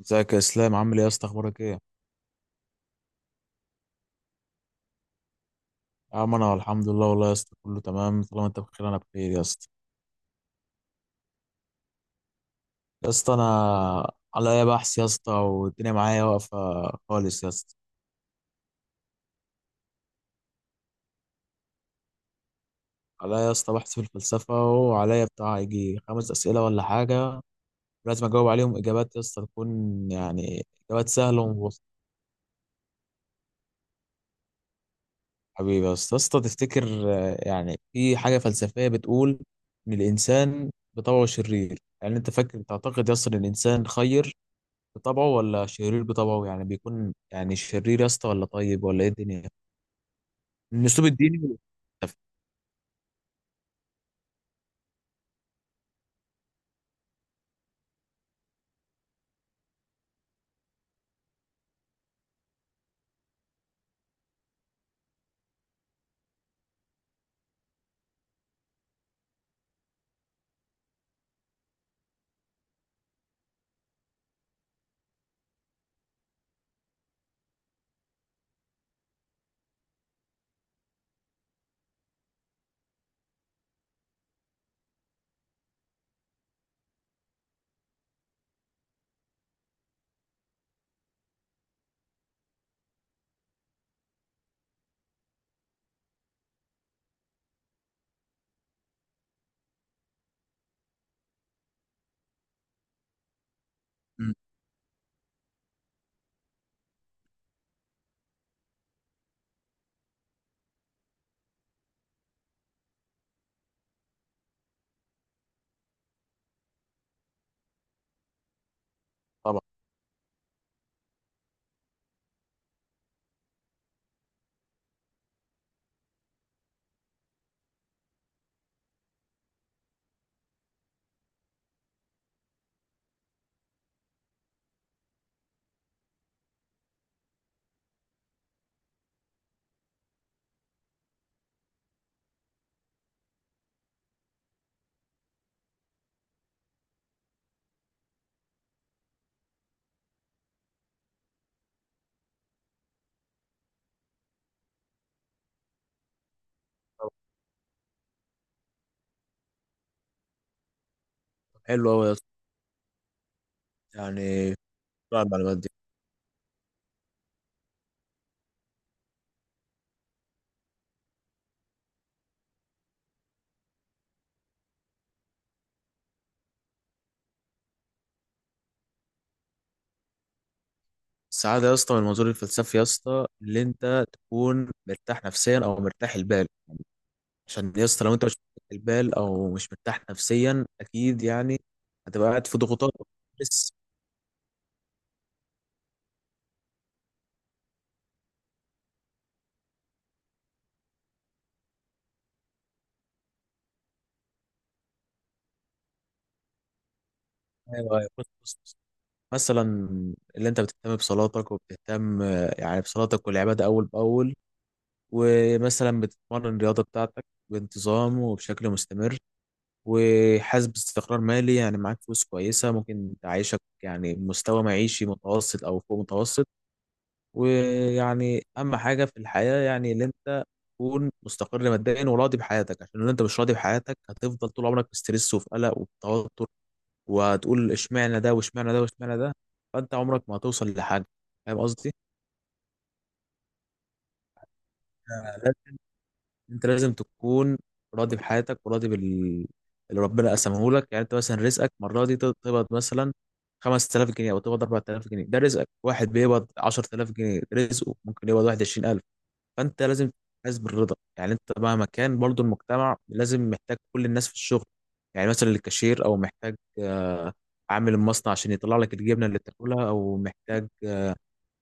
ازيك يا اسلام؟ عامل ايه يا اسطى؟ اخبارك ايه يا عم؟ انا الحمد لله والله يا اسطى، كله تمام. طالما انت بخير انا بخير يا اسطى. يا اسطى انا عليا بحث يا اسطى، والدنيا معايا واقفه خالص يا اسطى. عليا يا اسطى بحث في الفلسفه، وعليا بتاع يجي خمس اسئله ولا حاجه، لازم اجاوب عليهم اجابات يا اسطى تكون يعني اجابات سهله ومبسطه. حبيبي يا اسطى، يا اسطى تفتكر؟ يعني في حاجه فلسفيه بتقول ان الانسان بطبعه شرير. يعني انت فاكر تعتقد يا اسطى ان الانسان خير بطبعه ولا شرير بطبعه؟ يعني بيكون يعني شرير يا اسطى ولا طيب ولا ايه الدنيا؟ من اسلوب الديني والفلسفي. مم. طبعا. حلو قوي يا اسطى. يعني طبعا المعلومات دي. السعاده يا اسطى من المنظور الفلسفي يا اسطى، اللي انت تكون مرتاح نفسيا او مرتاح البال. عشان يا اسطى لو انت مش مرتاح البال او مش مرتاح نفسيا، اكيد يعني هتبقى قاعد في ضغوطات بس. ايوه أيوة. بص بص بص. مثلا، اللي انت بتهتم بصلاتك وبتهتم يعني بصلاتك والعباده اول باول. ومثلا بتتمرن الرياضة بتاعتك بانتظام وبشكل مستمر، وحاسس باستقرار مالي، يعني معاك فلوس كويسة ممكن تعيشك يعني مستوى معيشي متوسط أو فوق متوسط. ويعني أهم حاجة في الحياة يعني اللي أنت تكون مستقر ماديا وراضي بحياتك. عشان لو أنت مش راضي بحياتك هتفضل طول عمرك في ستريس وفي قلق وفي توتر، وهتقول اشمعنى ده واشمعنى ده واشمعنى ده، فأنت عمرك ما هتوصل لحاجة. فاهم قصدي؟ انت لازم تكون راضي بحياتك وراضي بال اللي ربنا قسمه لك. يعني انت مثلا رزقك المره دي تقبض مثلا 5000 جنيه او تقبض 4000 جنيه، ده رزقك. واحد بيقبض 10000 جنيه رزقه، ممكن يقبض 21000. فانت لازم تحس بالرضا. يعني انت مهما كان، برضو المجتمع لازم محتاج كل الناس في الشغل. يعني مثلا الكاشير، او محتاج عامل المصنع عشان يطلع لك الجبنه اللي تاكلها، او محتاج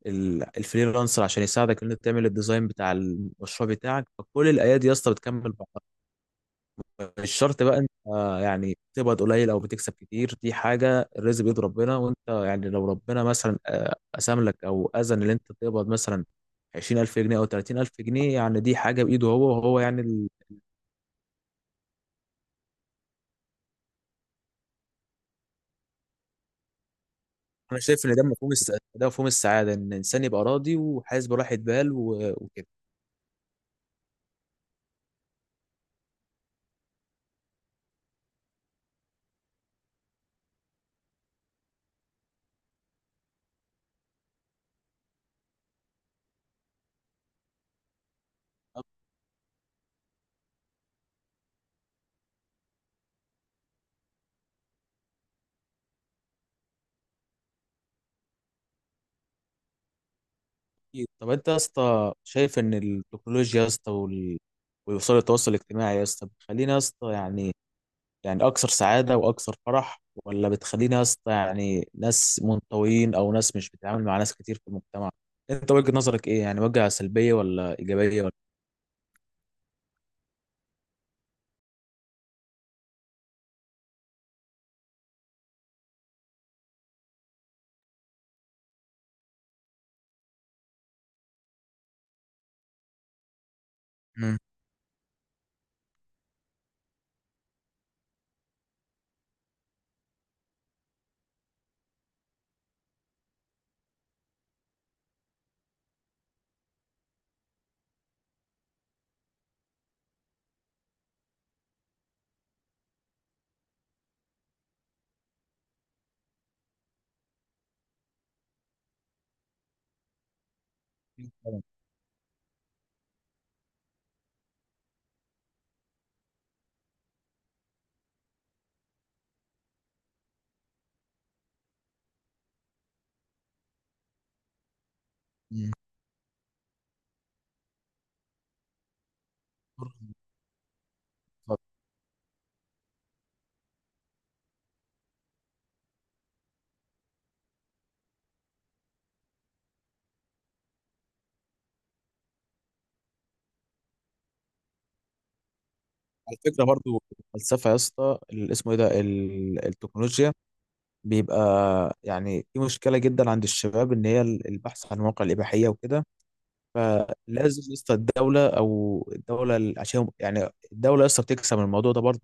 الفريلانسر عشان يساعدك ان انت تعمل الديزاين بتاع المشروع بتاعك. فكل الايادي يا اسطى بتكمل بعض. مش شرط بقى انت يعني تقبض قليل او بتكسب كتير. دي حاجه الرزق بيد ربنا. وانت يعني لو ربنا مثلا قسم لك او اذن ان انت تقبض مثلا 20000 جنيه او 30000 جنيه، يعني دي حاجه بايده هو، وهو يعني. انا شايف ان ده مفهوم ده مفهوم السعاده. ان الانسان يبقى راضي وحاسس براحه بال وكده. أكيد. طب انت يا اسطى شايف ان التكنولوجيا يا اسطى ووسائل التواصل الاجتماعي يا اسطى بتخلينا يا اسطى يعني اكثر سعاده واكثر فرح، ولا بتخلينا يا اسطى يعني ناس منطويين او ناس مش بتتعامل مع ناس كتير في المجتمع؟ انت وجهه نظرك ايه؟ يعني وجهه سلبيه ولا ايجابيه ولا؟ مم. مم. على فكرة برضو الفلسفة يا اسطى، اسمه ايه ده، التكنولوجيا، بيبقى يعني في مشكلة جدا عند الشباب ان هي البحث عن مواقع الإباحية وكده. فلازم يا اسطى الدولة عشان يعني الدولة يا اسطى بتكسب من الموضوع ده برضه.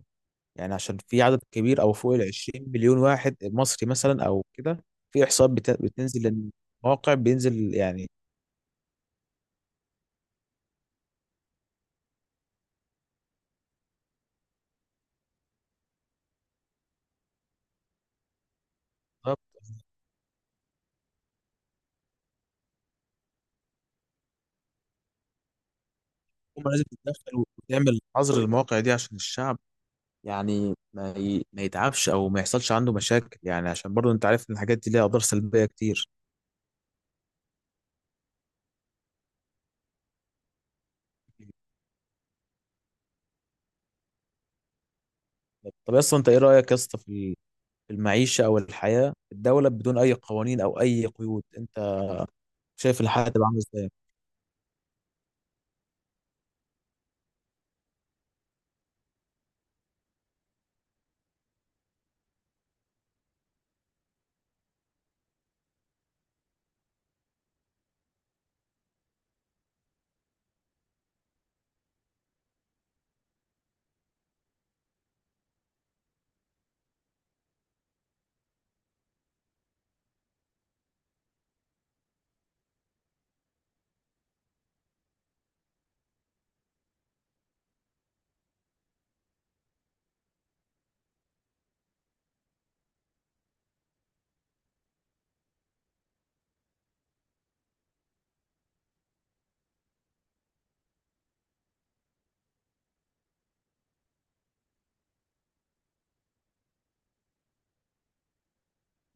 يعني عشان في عدد كبير أو فوق ال 20 مليون واحد مصري مثلا أو كده، في إحصاءات بتنزل للمواقع بينزل يعني. هم لازم تتدخل وتعمل حظر المواقع دي عشان الشعب يعني ما يتعبش أو ما يحصلش عنده مشاكل. يعني عشان برضه أنت عارف إن الحاجات دي ليها أضرار سلبية كتير. طب اصلا انت ايه رايك يا اسطى في المعيشه او الحياه في الدوله بدون اي قوانين او اي قيود؟ شايف الحلقه تبقى عامله ازاي؟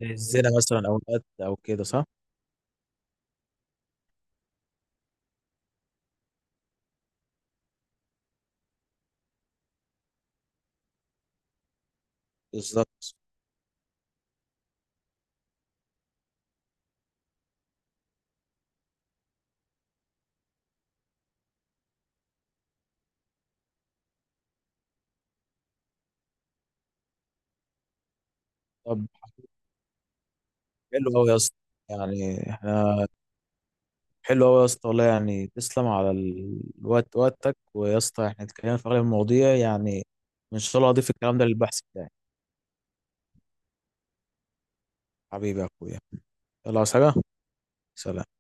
الزنا مثلا او القتل او كده، صح. بالظبط. طب حلو قوي يا اسطى، يعني احنا، حلو قوي يا اسطى والله. يعني تسلم على الوقت، وقتك. ويا اسطى احنا اتكلمنا في اغلب المواضيع، يعني ان شاء الله اضيف الكلام ده للبحث بتاعي. حبيبي يا اخويا. يلا، عايز حاجه؟ سلام.